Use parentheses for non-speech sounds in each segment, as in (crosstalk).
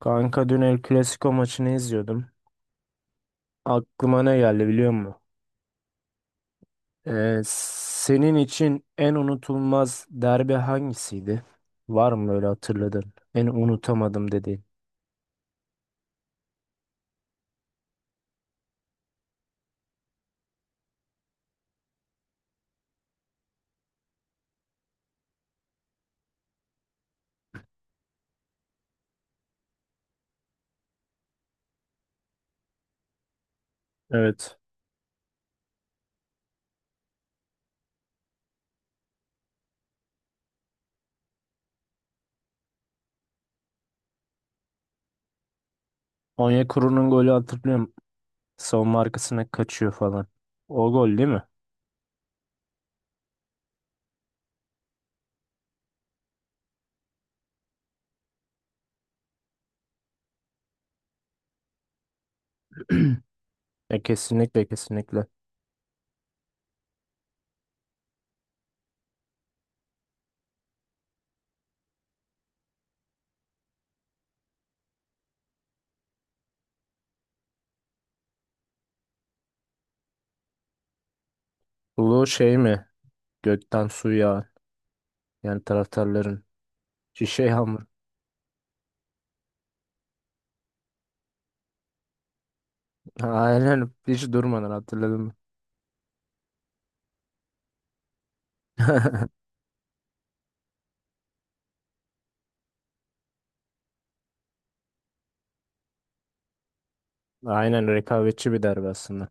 Kanka dün El Clasico maçını izliyordum. Aklıma ne geldi biliyor musun? Senin için en unutulmaz derbi hangisiydi? Var mı öyle hatırladın? En unutamadım dediğin. Evet. Onyekuru'nun golü hatırlıyorum. Savunma arkasına kaçıyor falan. O gol değil mi? (clears throat) E, kesinlikle kesinlikle. Bu şey mi? Gökten su yağan. Yani taraftarların. Şişe yağmur. (laughs) Aynen hiç durmadan hatırladım. (laughs) Aynen rekabetçi bir derbi aslında.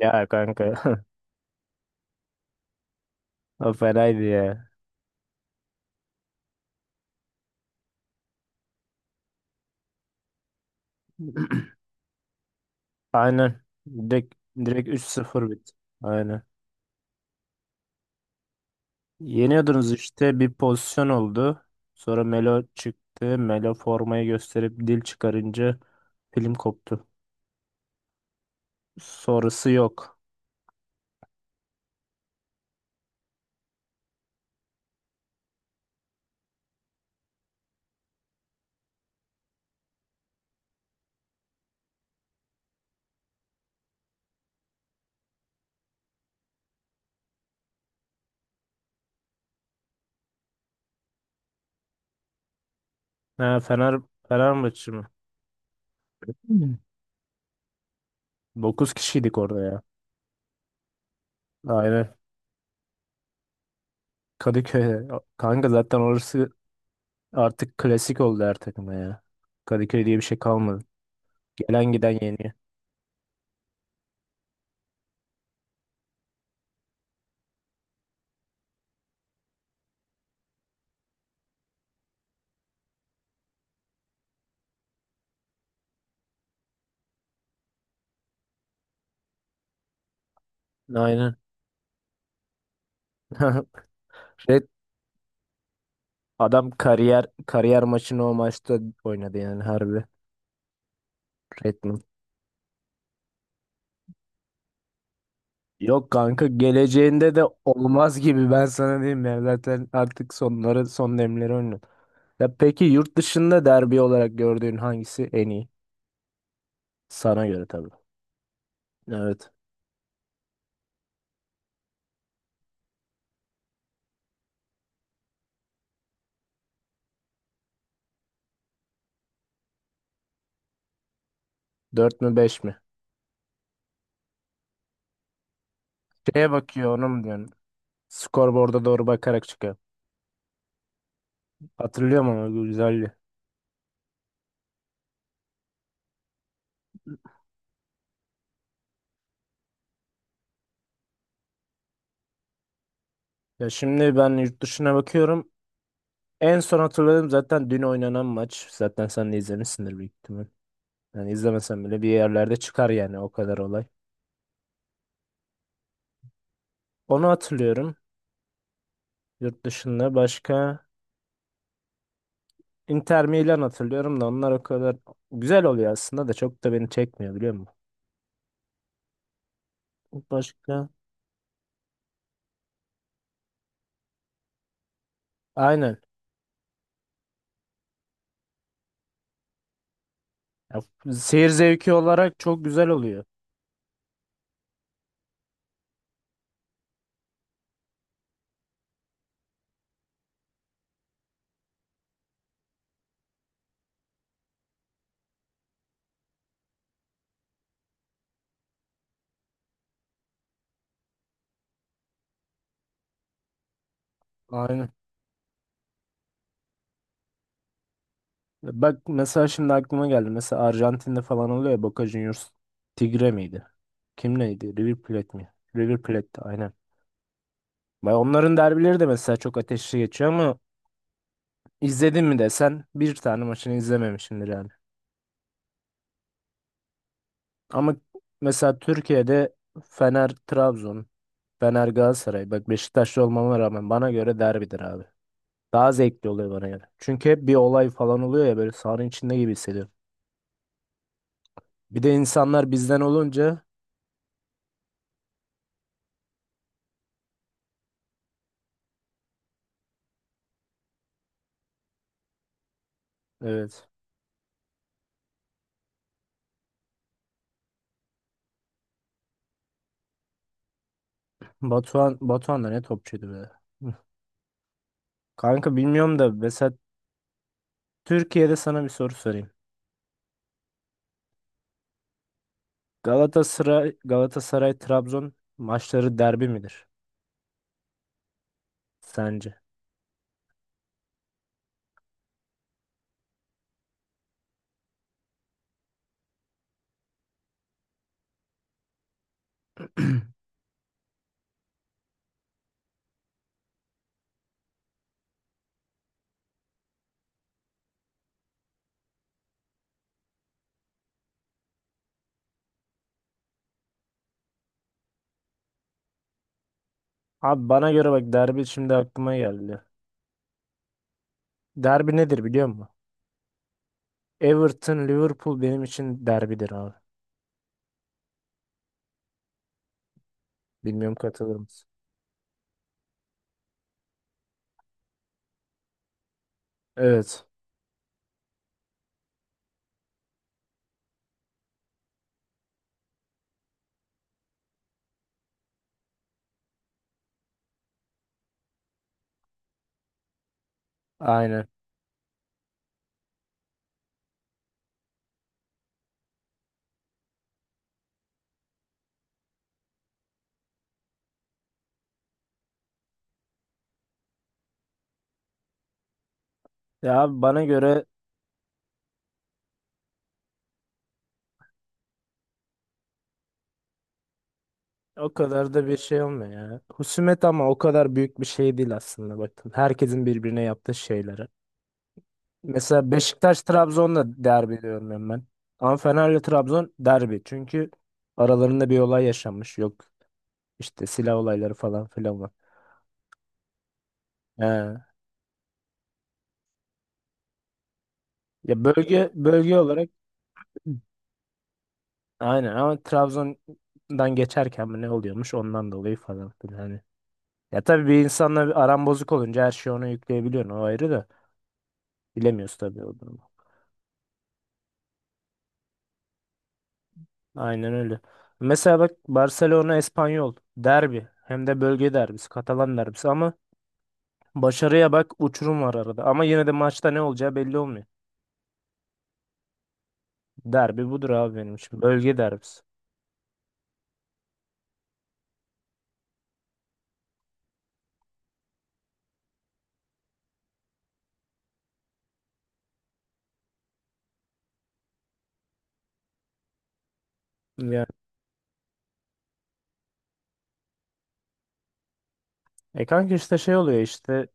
Ya kanka (laughs) o fenaydı ya. Aynen. Direkt, direkt 3-0 bitti. Aynen. Yeniyordunuz işte bir pozisyon oldu. Sonra Melo çıktı. Melo formayı gösterip dil çıkarınca film koptu. Sonrası yok. Ha, Fenerbahçe mi? Hmm. Kişiydik orada ya. Aynen. Kadıköy. Kanka zaten orası artık klasik oldu her takıma ya. Kadıköy diye bir şey kalmadı. Gelen giden yeniyor. Aynen. (laughs) Red Adam kariyer maçını o maçta oynadı yani harbi. Redmond. Yok kanka geleceğinde de olmaz gibi ben sana diyeyim ya. Zaten artık sonları son demleri oynuyor. Ya peki yurt dışında derbi olarak gördüğün hangisi en iyi? Sana göre tabii. Evet. Dört mü beş mi? Şeye bakıyor onu mu diyorsun? Skorboard'a doğru bakarak çıkıyor. Hatırlıyorum ama güzeldi. Ya şimdi ben yurt dışına bakıyorum. En son hatırladığım zaten dün oynanan maç. Zaten sen de izlemişsindir büyük ihtimal. Yani izlemesem bile bir yerlerde çıkar yani o kadar olay. Onu hatırlıyorum. Yurt dışında başka Inter Milan hatırlıyorum da onlar o kadar güzel oluyor aslında da çok da beni çekmiyor biliyor musun? Başka? Aynen. Ya, seyir zevki olarak çok güzel oluyor. Aynen. Bak mesela şimdi aklıma geldi. Mesela Arjantin'de falan oluyor ya Boca Juniors. Tigre miydi? Kim neydi? River Plate mi? River Plate'ti aynen. Bak onların derbileri de mesela çok ateşli geçiyor ama İzledin mi desen bir tane maçını izlememişsindir yani. Ama mesela Türkiye'de Fener Trabzon, Fener Galatasaray. Bak Beşiktaşlı olmama rağmen bana göre derbidir abi. Daha zevkli oluyor bana göre. Çünkü hep bir olay falan oluyor ya böyle sahanın içinde gibi hissediyorum. Bir de insanlar bizden olunca evet. Batuhan da ne topçuydu be. Hı. Kanka bilmiyorum da mesela Türkiye'de sana bir soru sorayım. Galatasaray Trabzon maçları derbi midir sence? Abi bana göre bak derbi şimdi aklıma geldi. Derbi nedir biliyor musun? Everton Liverpool benim için derbidir abi. Bilmiyorum katılır mısın? Evet. Aynen. Ya abi bana göre o kadar da bir şey olmuyor ya. Husumet ama o kadar büyük bir şey değil aslında bakın. Herkesin birbirine yaptığı şeyleri. Mesela Beşiktaş Trabzon'la derbi diyorum ben. Ama Fener'le Trabzon derbi. Çünkü aralarında bir olay yaşanmış. Yok işte silah olayları falan filan var. He. Ya bölge bölge olarak aynen ama Trabzon'dan geçerken mi ne oluyormuş ondan dolayı falan filan hani. Ya tabii bir insanla bir aram bozuk olunca her şeyi ona yükleyebiliyorsun o ayrı da bilemiyoruz tabii o durumu. Aynen öyle. Mesela bak Barcelona Espanyol derbi hem de bölge derbisi Katalan derbisi ama başarıya bak uçurum var arada ama yine de maçta ne olacağı belli olmuyor. Derbi budur abi benim için bölge derbisi. Yani, kanka işte şey oluyor işte.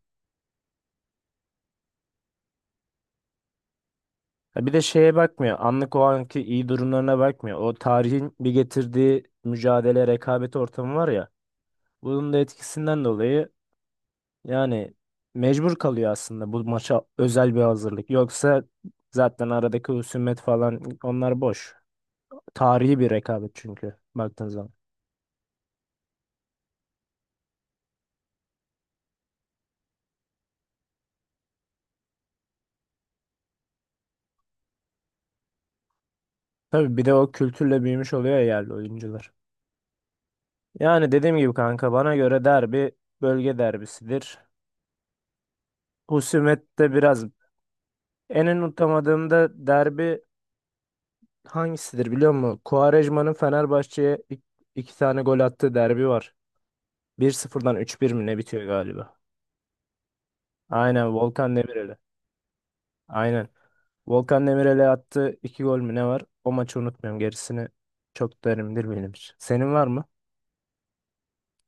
Ya bir de şeye bakmıyor. Anlık o anki iyi durumlarına bakmıyor. O tarihin bir getirdiği mücadele, rekabet ortamı var ya. Bunun da etkisinden dolayı yani mecbur kalıyor aslında bu maça özel bir hazırlık. Yoksa zaten aradaki husumet falan onlar boş. Tarihi bir rekabet çünkü baktığın zaman. Tabii bir de o kültürle büyümüş oluyor ya yerli oyuncular. Yani dediğim gibi kanka bana göre derbi bölge derbisidir. Husumette biraz en unutamadığım da derbi hangisidir biliyor musun? Quaresma'nın Fenerbahçe'ye iki tane gol attığı derbi var. 1-0'dan 3-1 mi ne bitiyor galiba? Aynen Volkan Demirel'e. Aynen. Volkan Demirel'e attığı iki gol mü ne var? O maçı unutmuyorum. Gerisini çok derindir benim için. Senin var mı?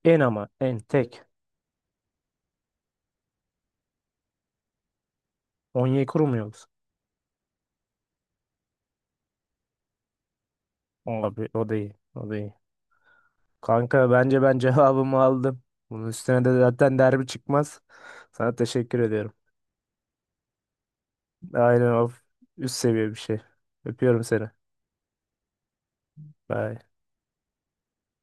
En ama en tek. Onyekuru mu yoksa? Abi o da iyi. O da iyi. Kanka bence ben cevabımı aldım. Bunun üstüne de zaten derbi çıkmaz. Sana teşekkür ediyorum. Aynen of. Üst seviye bir şey. Öpüyorum seni. Bye.